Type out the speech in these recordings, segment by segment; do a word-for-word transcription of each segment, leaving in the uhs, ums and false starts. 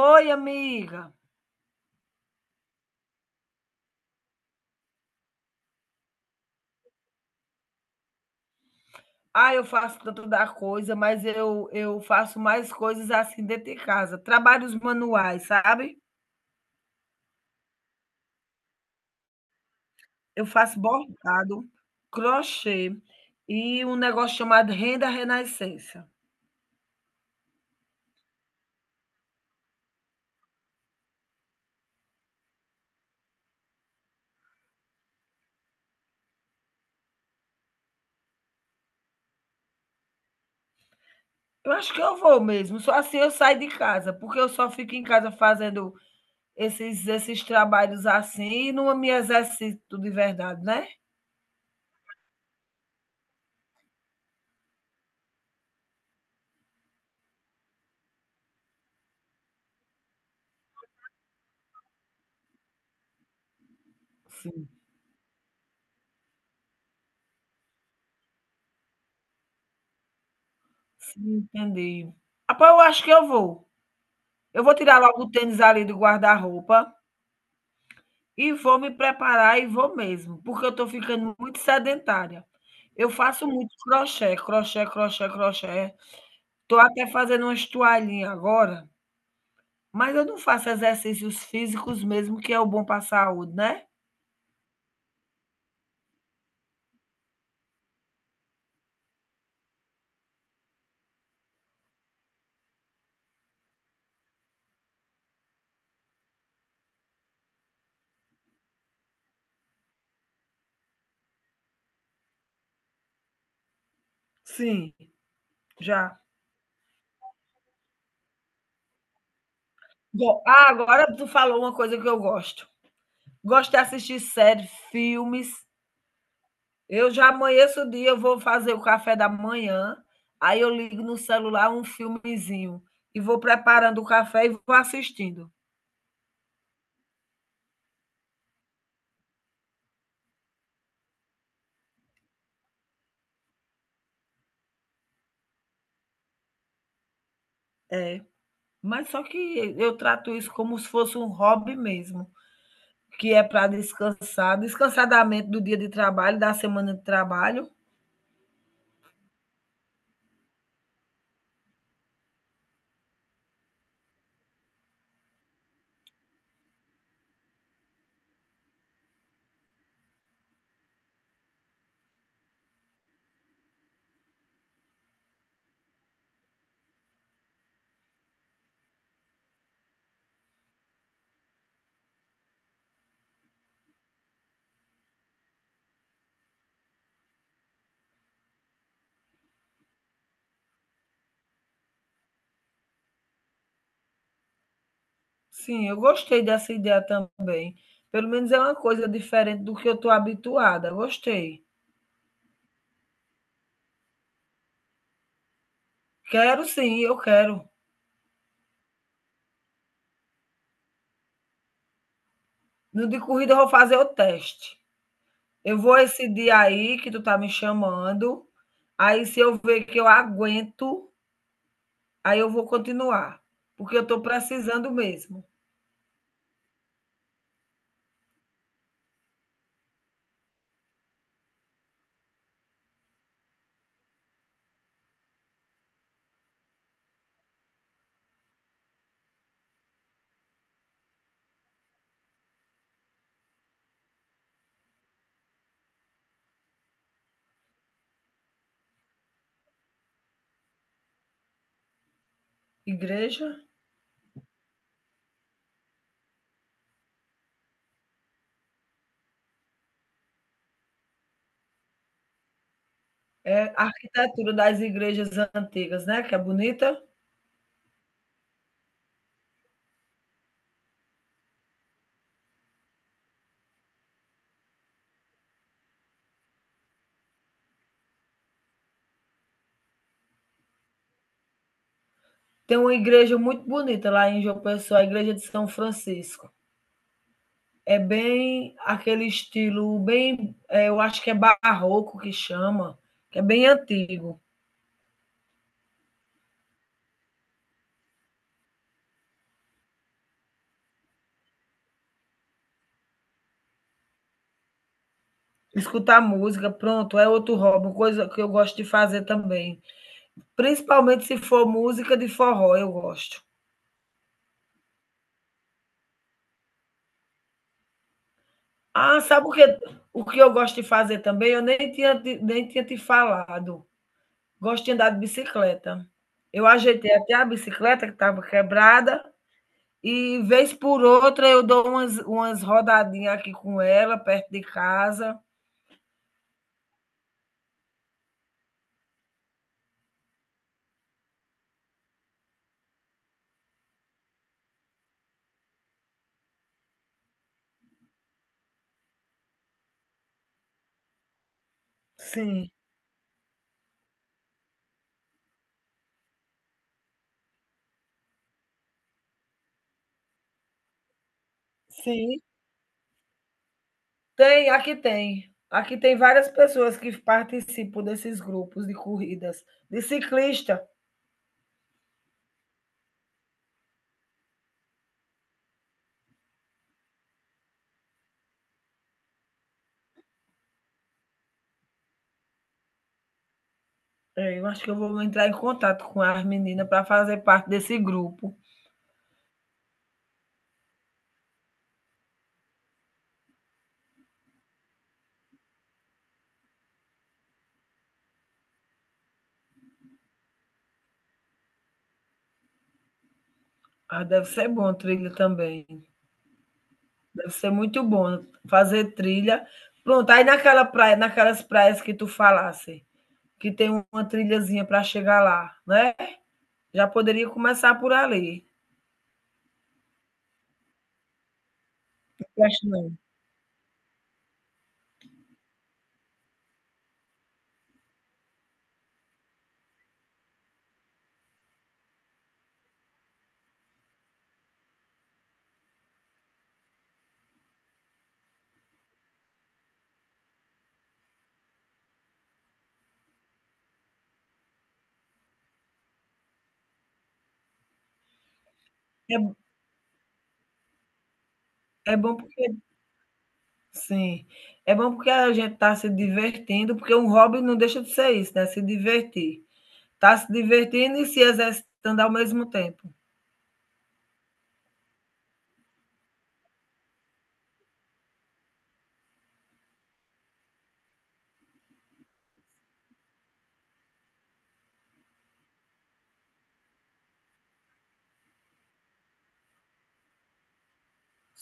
Oi, amiga. Ah, eu faço tanto da coisa, mas eu, eu faço mais coisas assim dentro de casa. Trabalhos manuais, sabe? Eu faço bordado, crochê e um negócio chamado renda renascença. Eu acho que eu vou mesmo. Só assim eu saio de casa, porque eu só fico em casa fazendo esses, esses trabalhos assim e não me exercito de verdade, né? Sim, sim, entendi. Rapaz, eu acho que eu vou. Eu vou tirar logo o tênis ali do guarda-roupa. E vou me preparar e vou mesmo, porque eu estou ficando muito sedentária. Eu faço muito crochê, crochê, crochê, crochê. Estou até fazendo umas toalhinhas agora, mas eu não faço exercícios físicos mesmo, que é o bom para a saúde, né? Sim. Já. Go ah, agora tu falou uma coisa que eu gosto. Gosto de assistir séries filmes. Eu já amanheço o dia, eu vou fazer o café da manhã, aí eu ligo no celular um filmezinho e vou preparando o café e vou assistindo. É, mas só que eu trato isso como se fosse um hobby mesmo, que é para descansar, descansar da mente do dia de trabalho, da semana de trabalho. Sim, eu gostei dessa ideia também. Pelo menos é uma coisa diferente do que eu estou habituada. Gostei. Quero sim, eu quero. No de corrida eu vou fazer o teste. Eu vou esse dia aí que tu tá me chamando, aí se eu ver que eu aguento, aí eu vou continuar, porque eu estou precisando mesmo. Igreja? É a arquitetura das igrejas antigas, né? Que é bonita. Tem uma igreja muito bonita lá em João Pessoa, a igreja de São Francisco. É bem aquele estilo, bem, é, eu acho que é barroco que chama, que é bem antigo. Escutar música, pronto, é outro hobby, coisa que eu gosto de fazer também. Principalmente se for música de forró, eu gosto. Ah, sabe o que, o que eu gosto de fazer também? Eu nem tinha, nem tinha te falado. Gosto de andar de bicicleta. Eu ajeitei até a bicicleta que estava quebrada e vez por outra eu dou umas umas rodadinhas aqui com ela perto de casa. Sim, sim. Tem, aqui tem. Aqui tem várias pessoas que participam desses grupos de corridas, de ciclista. É, eu acho que eu vou entrar em contato com as meninas para fazer parte desse grupo. Ah, deve ser bom trilha também. Deve ser muito bom fazer trilha. Pronto, aí naquela praia, naquelas praias que tu falasse, que tem uma trilhazinha para chegar lá, né? Já poderia começar por ali. Eu acho não. É, é bom porque, sim, é bom porque a gente está se divertindo, porque um hobby não deixa de ser isso, né? Se divertir. Está se divertindo e se exercitando ao mesmo tempo.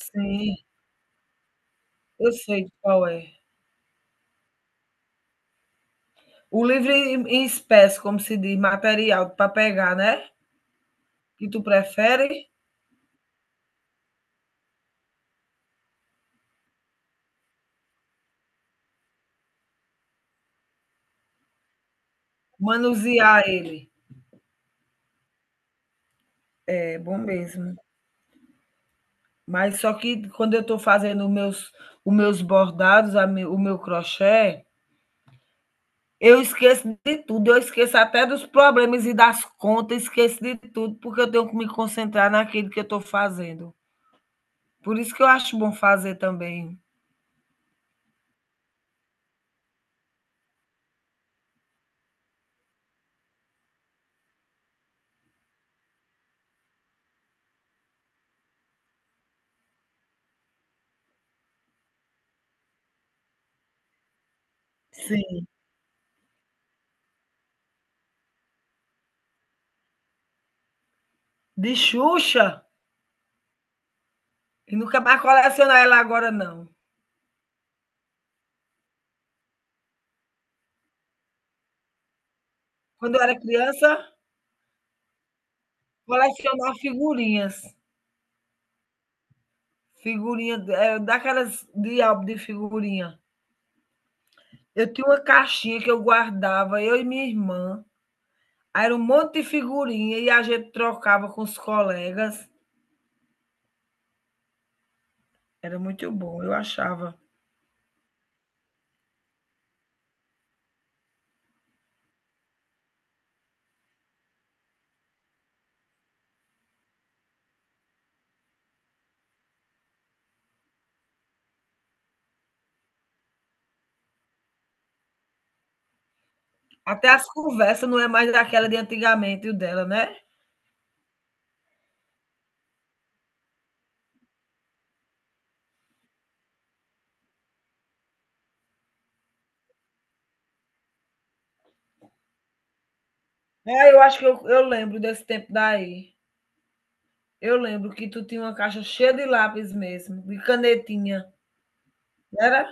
Sim, eu sei qual é. O livro em em espécie, como se diz, material para pegar, né? Que tu prefere? Manusear ele. É bom mesmo. Mas só que quando eu estou fazendo os meus, os meus bordados, a me- o meu crochê, eu esqueço de tudo. Eu esqueço até dos problemas e das contas, esqueço de tudo, porque eu tenho que me concentrar naquilo que eu estou fazendo. Por isso que eu acho bom fazer também. Sim. De Xuxa, e nunca mais colecionar ela agora, não. Quando eu era criança, colecionar figurinhas. Figurinha, eh, daquelas de álbum de figurinha. Eu tinha uma caixinha que eu guardava, eu e minha irmã. Aí era um monte de figurinha e a gente trocava com os colegas. Era muito bom, eu achava. Até as conversas não é mais daquela de antigamente, o dela, né? Ah, eu acho que eu, eu lembro desse tempo daí. Eu lembro que tu tinha uma caixa cheia de lápis mesmo, de canetinha. Não era?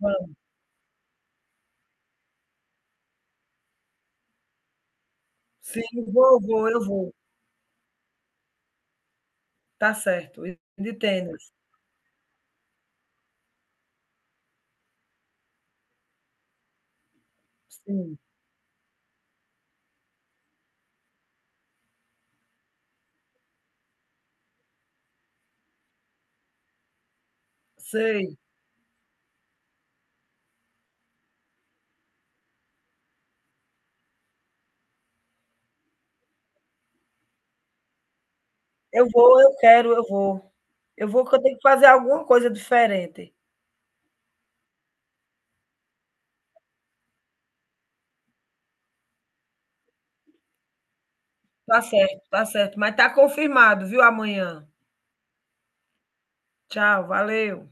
Vamos. Sim, vou, vou, eu vou. Tá certo. E de tênis. Sim, sei. Eu vou, eu quero, eu vou. Eu vou, porque eu tenho que fazer alguma coisa diferente. Tá certo, tá certo. Mas tá confirmado, viu? Amanhã. Tchau, valeu.